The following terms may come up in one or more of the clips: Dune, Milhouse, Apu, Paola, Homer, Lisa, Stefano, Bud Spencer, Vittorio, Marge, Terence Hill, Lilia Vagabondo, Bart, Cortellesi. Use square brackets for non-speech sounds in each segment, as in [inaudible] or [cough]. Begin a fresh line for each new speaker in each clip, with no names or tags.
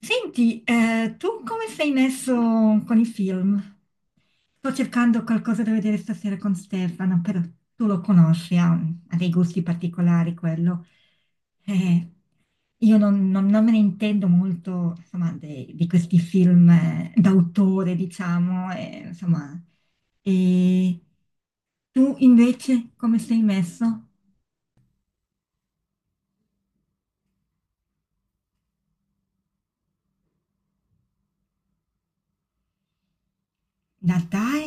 Senti, tu come sei messo con i film? Sto cercando qualcosa da vedere stasera con Stefano, però tu lo conosci, ha dei gusti particolari quello. Eh, io non me ne intendo molto, insomma, di questi film d'autore, diciamo, insomma. E tu invece come sei messo? Dai,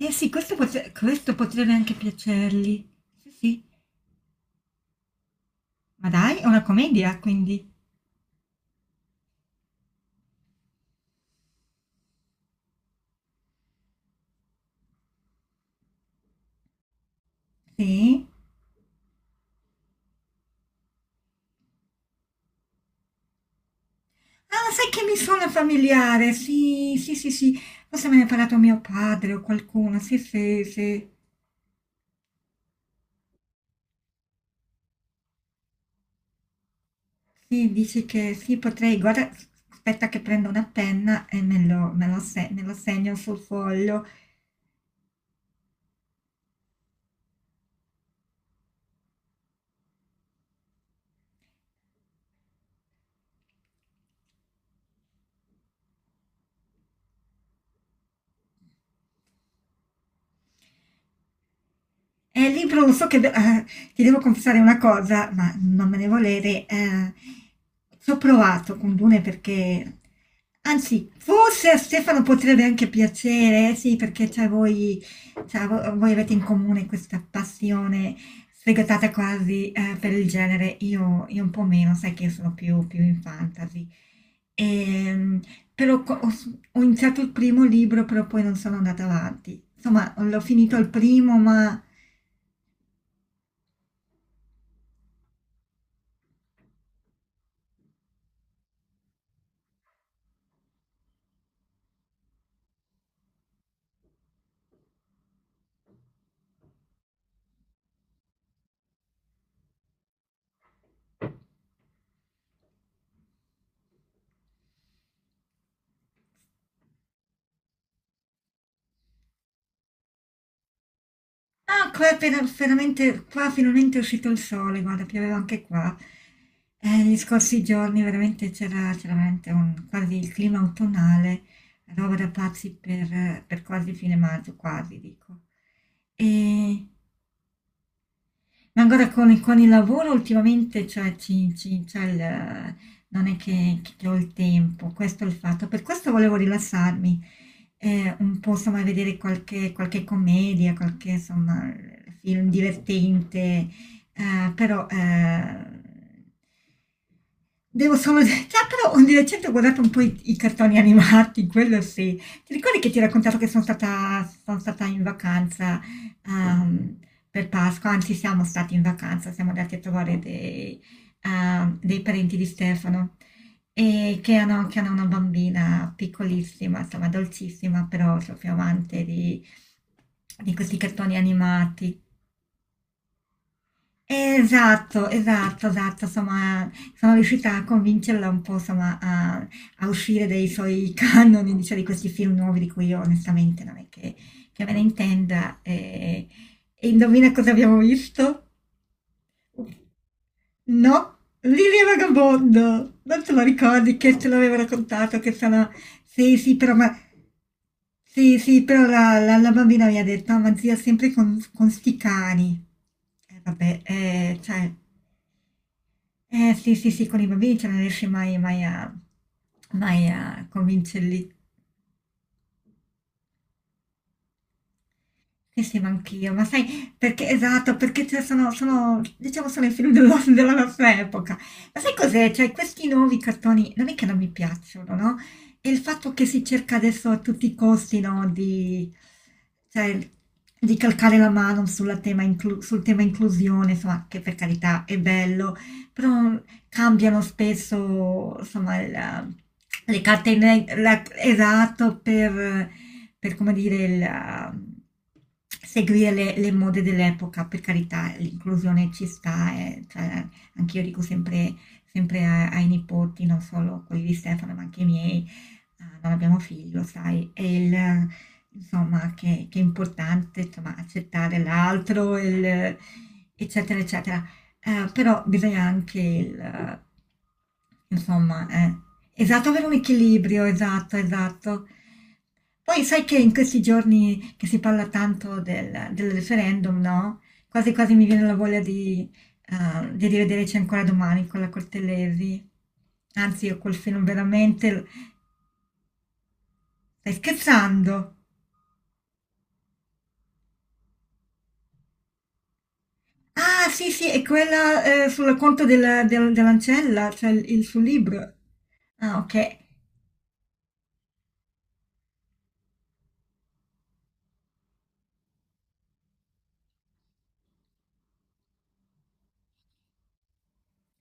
eh sì, questo, questo potrebbe anche piacergli. Sì, sì. Ma dai, è una commedia quindi? Sì? Ah, sai che mi suona familiare, sì, sì, sì, sì. Forse me ne ha parlato mio padre o qualcuno, sì, sì, sì. Sì, dici che sì, potrei, guarda, aspetta che prendo una penna e me lo se- me lo segno sul foglio. È il libro lo so che ti devo confessare una cosa, ma non me ne volere. Ci ho provato con Dune anzi, forse a Stefano potrebbe anche piacere, sì, perché cioè, voi, cioè, voi avete in comune questa passione sfegatata quasi per il genere. Io un po' meno, sai che io sono più in fantasy. Ehm, Però ho iniziato il primo libro, però poi non sono andata avanti. Insomma, l'ho finito il primo, ma... Ah, finalmente, qua finalmente è uscito il sole, guarda, pioveva anche qua. Gli scorsi giorni veramente c'era veramente un, quasi il clima autunnale, roba da pazzi per quasi fine maggio, quasi dico. E ancora con il lavoro ultimamente cioè, c'è non è che ho il tempo, questo è il fatto. Per questo volevo rilassarmi, un po' insomma vedere qualche commedia, qualche insomma film divertente, però devo solo... [laughs] Ah, però di recente ho guardato un po' i cartoni animati, [laughs] quello sì. Ti ricordi che ti ho raccontato che sono stata in vacanza ehm, per Pasqua, anzi siamo stati in vacanza, siamo andati a trovare dei, dei parenti di Stefano e che hanno una bambina piccolissima, insomma dolcissima, però proprio amante di questi cartoni animati esatto, esatto, esatto, insomma, sono riuscita a convincerla un po', insomma, a uscire dai suoi [laughs] canoni, diciamo, di questi film nuovi di cui io onestamente non è che me ne intenda. E, indovina cosa abbiamo visto? No, Lilia Vagabondo, non te lo ricordi che te l'avevo raccontato, che sono... Sì, sì, però, ma... sì, sì, però la bambina mi ha detto, "Ah, ma zia, sempre con sti cani. Vabbè, cioè... Eh sì, sì, sì, con i bambini cioè non riesci mai, mai a convincerli. Sì, sì, ma anch'io, ma sai perché, esatto, perché cioè, sono, sono, diciamo, sono i film della nostra epoca. Ma sai cos'è? Cioè, questi nuovi cartoni non è che non mi piacciono, no? E il fatto che si cerca adesso a tutti i costi, no, di, cioè, di calcare la mano sul tema inclusione, insomma, che per carità è bello, però cambiano spesso, insomma, le carte in re- la- esatto per, come dire, il, seguire le mode dell'epoca, per carità, l'inclusione ci sta, cioè, anche io dico sempre, sempre ai nipoti, non solo quelli di Stefano, ma anche i miei, non abbiamo figli, lo sai, insomma, che è importante, insomma, accettare l'altro, eccetera, eccetera. Però bisogna anche insomma, eh, esatto, avere un equilibrio, esatto, esatto. Poi sai che in questi giorni che si parla tanto del referendum, no? Quasi quasi mi viene la voglia di rivederci ancora domani con la Cortellesi. Anzi, io quel film veramente... Stai scherzando? Ah, sì, sì, è quella sul racconto dell'ancella, cioè il suo libro. Ah, ok.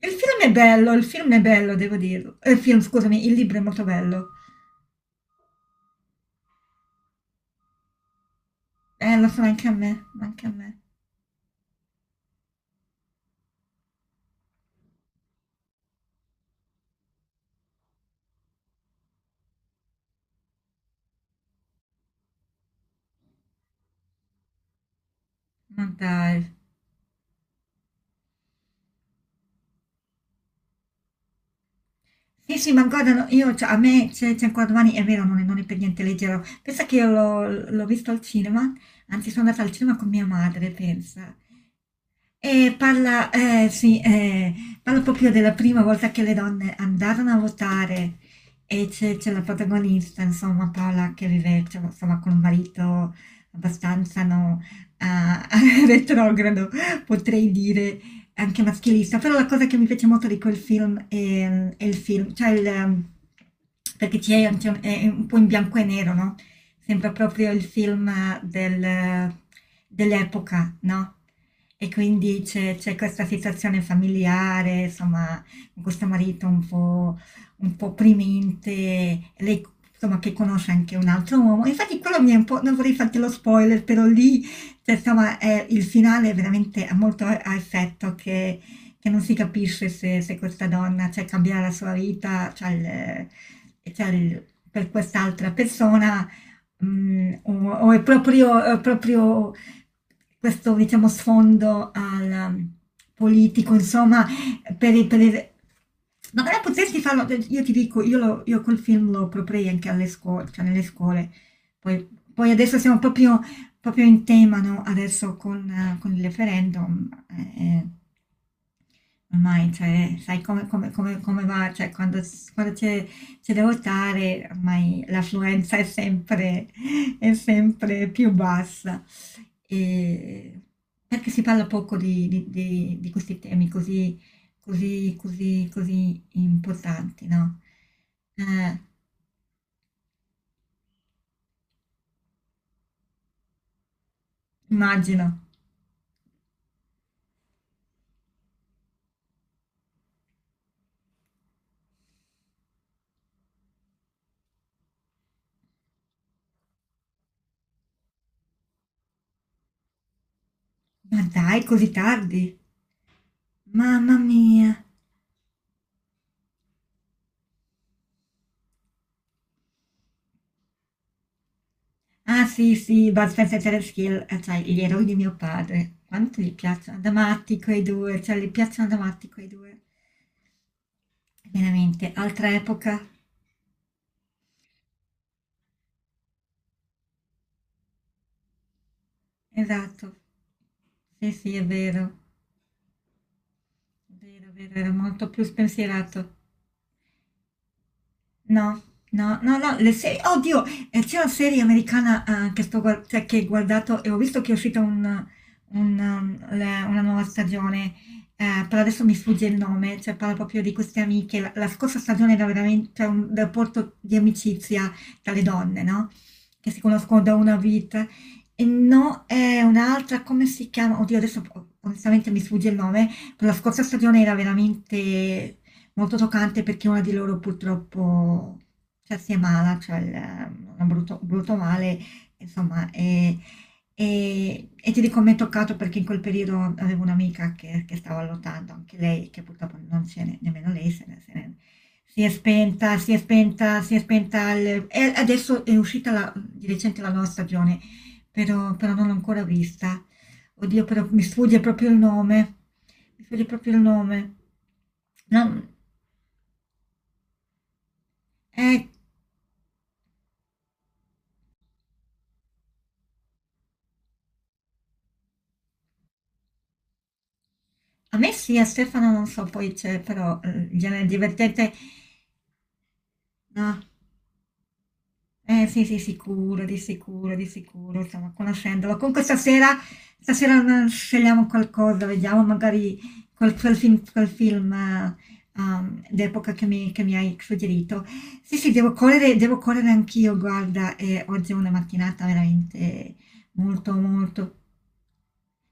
Il film è bello, il film è bello, devo dirlo. Il film, scusami, il libro è molto bello. Lo so anche a me, anche a me. Ma dai. Sì, sì, ma guarda, no, io, cioè, a me c'è ancora domani, è vero, non è per niente leggero. Pensa che io l'ho visto al cinema, anzi sono andata al cinema con mia madre, pensa. E parla, parla proprio della prima volta che le donne andarono a votare e c'è la protagonista, insomma, Paola che vive, cioè, insomma, con un marito abbastanza no, ah, [laughs] retrogrado, potrei dire, anche maschilista. Però la cosa che mi piace molto di quel film è il film, cioè perché c'è è un po' in bianco e nero, no? Sembra proprio il film del- dell'epoca, no? E quindi c'è questa situazione familiare, insomma, con questo marito un po' opprimente, lei insomma che conosce anche un altro uomo. Infatti quello mi è un po', non vorrei farti lo spoiler, però lì, cioè, insomma, il finale è veramente ha molto a effetto che non si capisce se questa donna, cioè, cambierà la sua vita, cioè, per quest'altra persona. Mm, o è proprio questo, diciamo, sfondo al politico, insomma, per, il- per il- ma però potresti farlo, io ti dico, io, io col film lo proporrei anche alle scuole, cioè nelle scuole, poi, poi adesso siamo proprio, proprio in tema, no? Adesso con il referendum, ormai, cioè, sai come, come va, cioè, quando, quando c'è se devo stare, ormai l'affluenza è sempre più bassa, e perché si parla poco di, di questi temi così, così, così, così importanti, no? Eh, immagino, ma dai, così tardi? Mamma mia! Ah sì, sì, Bud Spencer e Terence Hill, cioè gli eroi di mio padre. Quanto gli piacciono ad amati quei due, cioè gli piacciono ad amati quei due. Veramente, altra epoca, esatto. Sì, sì, è vero, è vero, è vero, era molto più spensierato. No, no, no, no, le serie, oddio, c'è una serie americana che cioè, che ho guardato e ho visto che è uscita una nuova stagione, però adesso mi sfugge il nome, cioè parla proprio di queste amiche, la scorsa stagione era veramente cioè, un rapporto di amicizia tra le donne, no? Che si conoscono da una vita, e no, è un'altra, come si chiama? Oddio, adesso onestamente mi sfugge il nome, però la scorsa stagione era veramente molto toccante perché una di loro purtroppo cioè, si ammala, cioè un brutto, brutto male, insomma, e, e ti dico mi è toccato perché in quel periodo avevo un'amica che stava lottando, anche lei, che purtroppo non nemmeno lei, se ne- se ne- si è spenta, si è spenta, si è spenta, e adesso di recente la nuova stagione, però, però non l'ho ancora vista. Oddio, però mi sfugge proprio il nome. Mi sfugge proprio il nome. No, eh, a me sì, a Stefano non so, poi c'è però il genere divertente, no? Eh sì, sì, sicuro, di sicuro, di sicuro, insomma, conoscendolo. Comunque stasera, stasera scegliamo qualcosa, vediamo magari quel film, d'epoca che mi hai suggerito. Sì, sì, devo correre anch'io, guarda, e oggi è una mattinata veramente molto, molto...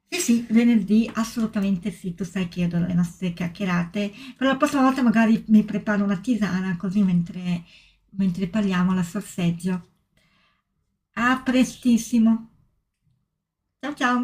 Sì, sì, venerdì assolutamente sì, tu sai che io adoro le nostre chiacchierate, però la prossima volta magari mi preparo una tisana così mentre, mentre parliamo la sorseggio. A prestissimo. Ciao ciao.